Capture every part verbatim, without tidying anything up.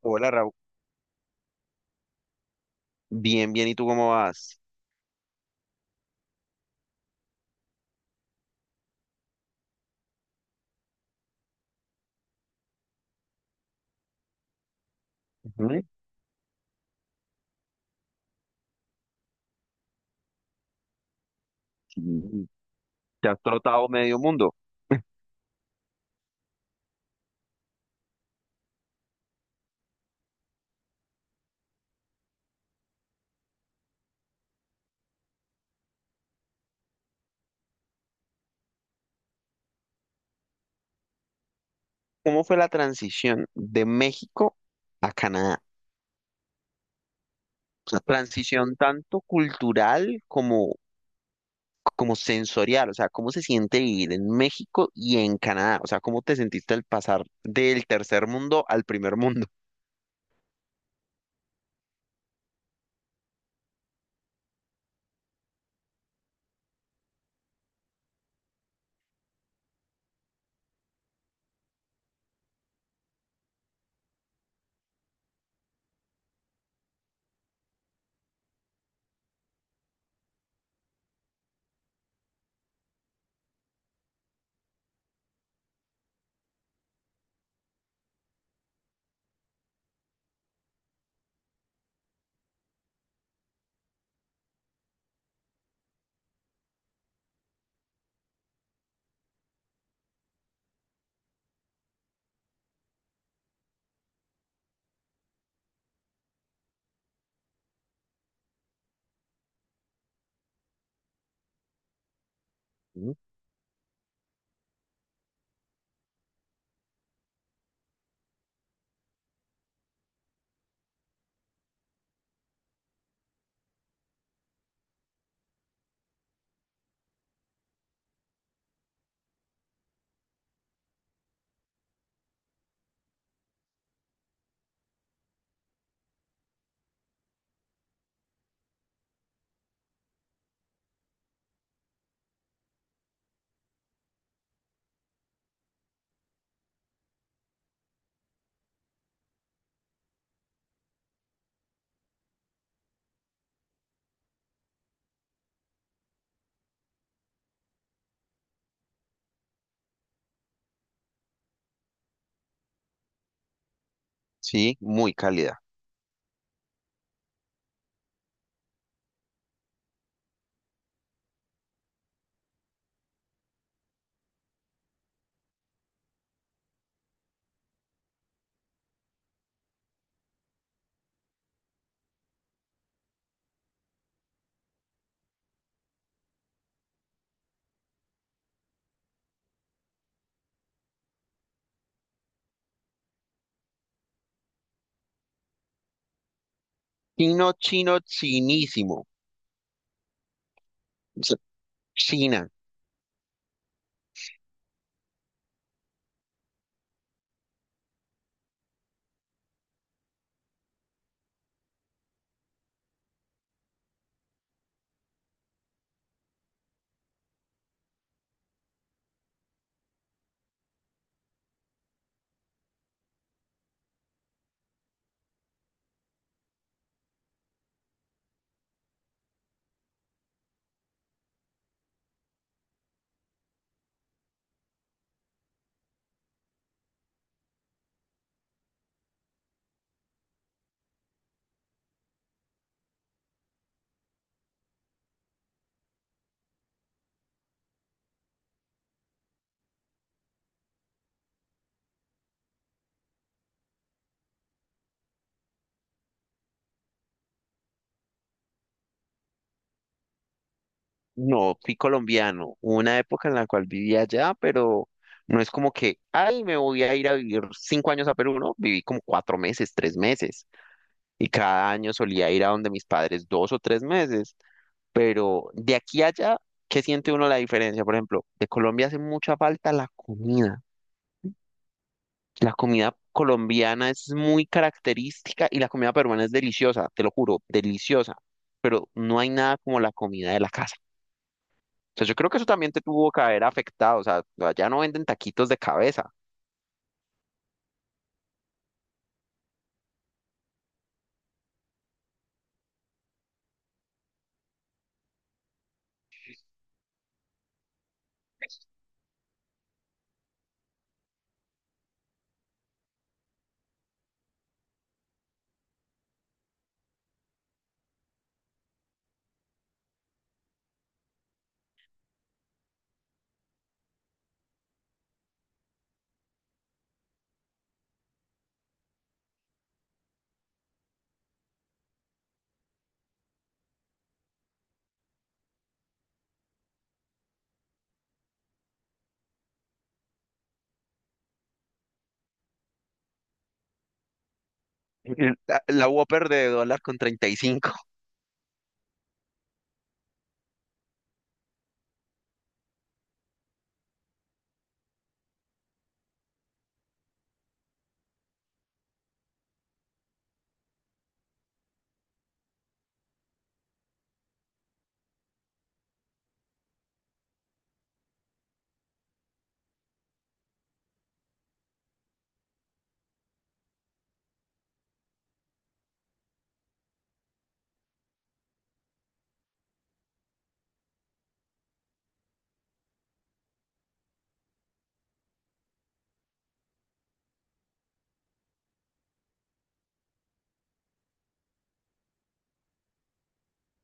Hola, Raúl. Bien, bien, ¿y tú cómo vas? Ujú. Sí. Te has trotado medio mundo. ¿Cómo fue la transición de México a Canadá? O sea, transición tanto cultural como, como sensorial. O sea, ¿cómo se siente vivir en México y en Canadá? O sea, ¿cómo te sentiste al pasar del tercer mundo al primer mundo? Ujú. Sí, muy cálida. Chino, chino, chinísimo. O sea, China. No, fui colombiano. Hubo una época en la cual vivía allá, pero no es como que, ay, me voy a ir a vivir cinco años a Perú, ¿no? Viví como cuatro meses, tres meses, y cada año solía ir a donde mis padres dos o tres meses, pero de aquí a allá, ¿qué siente uno la diferencia? Por ejemplo, de Colombia hace mucha falta la comida. La comida colombiana es muy característica y la comida peruana es deliciosa, te lo juro, deliciosa, pero no hay nada como la comida de la casa. O sea, yo creo que eso también te tuvo que haber afectado. O sea, ya no venden taquitos de cabeza. La, la Whopper de dólar con treinta y cinco.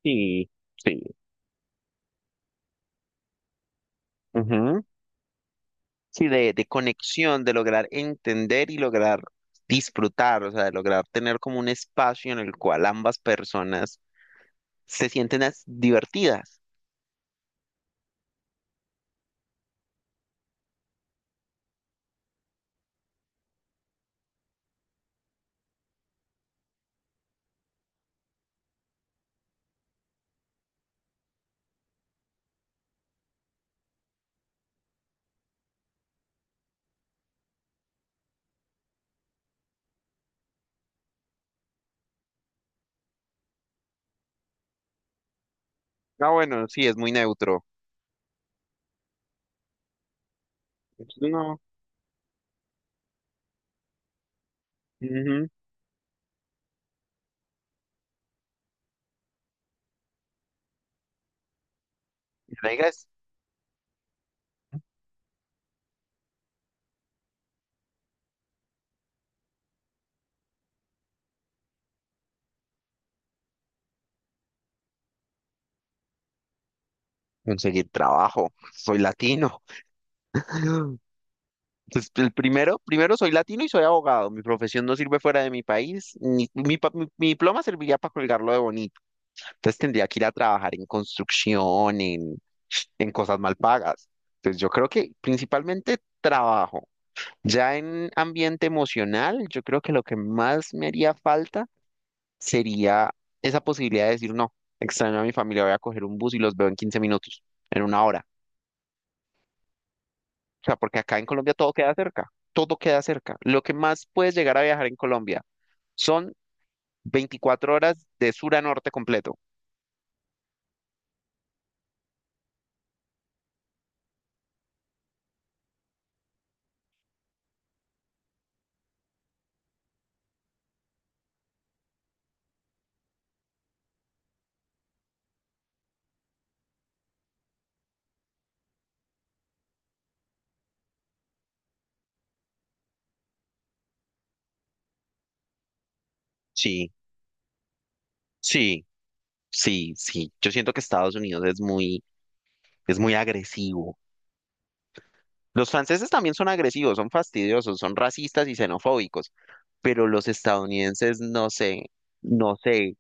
Sí, sí. Ujú. Sí, de, de conexión, de lograr entender y lograr disfrutar, o sea, de lograr tener como un espacio en el cual ambas personas se sienten as- divertidas. Ah, bueno, sí, es muy neutro. No. Ujú. Y la idea es conseguir trabajo. Soy latino. Pues el primero, primero soy latino y soy abogado. Mi profesión no sirve fuera de mi país. Ni, mi, pa- mi- Mi diploma serviría para colgarlo de bonito. Entonces tendría que ir a trabajar en construcción, en, en cosas mal pagas. Entonces yo creo que principalmente trabajo. Ya en ambiente emocional, yo creo que lo que más me haría falta sería esa posibilidad de decir, no, extraño a mi familia, voy a coger un bus y los veo en quince minutos, en una hora. O sea, porque acá en Colombia todo queda cerca, todo queda cerca. Lo que más puedes llegar a viajar en Colombia son veinticuatro horas de sur a norte completo. Sí, sí, sí, sí. Yo siento que Estados Unidos es muy, es muy agresivo. Los franceses también son agresivos, son fastidiosos, son racistas y xenofóbicos, pero los estadounidenses no sé, no sé.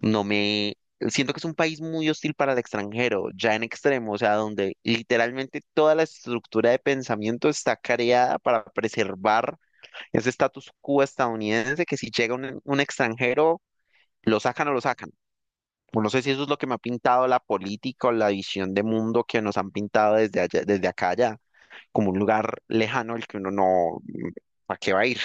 No me... Siento que es un país muy hostil para el extranjero, ya en extremo, o sea, donde literalmente toda la estructura de pensamiento está creada para preservar ese status quo estadounidense que si llega un, un extranjero, lo sacan o lo sacan. O no sé si eso es lo que me ha pintado la política o la visión de mundo que nos han pintado desde allá, desde acá allá, como un lugar lejano al que uno no, ¿para qué va a ir?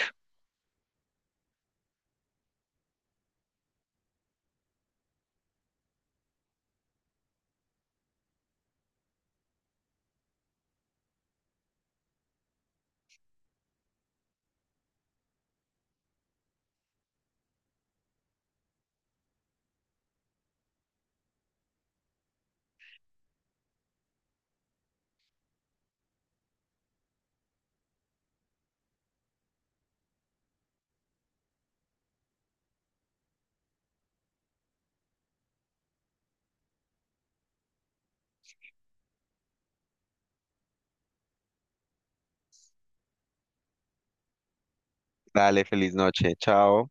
Dale, feliz noche, chao.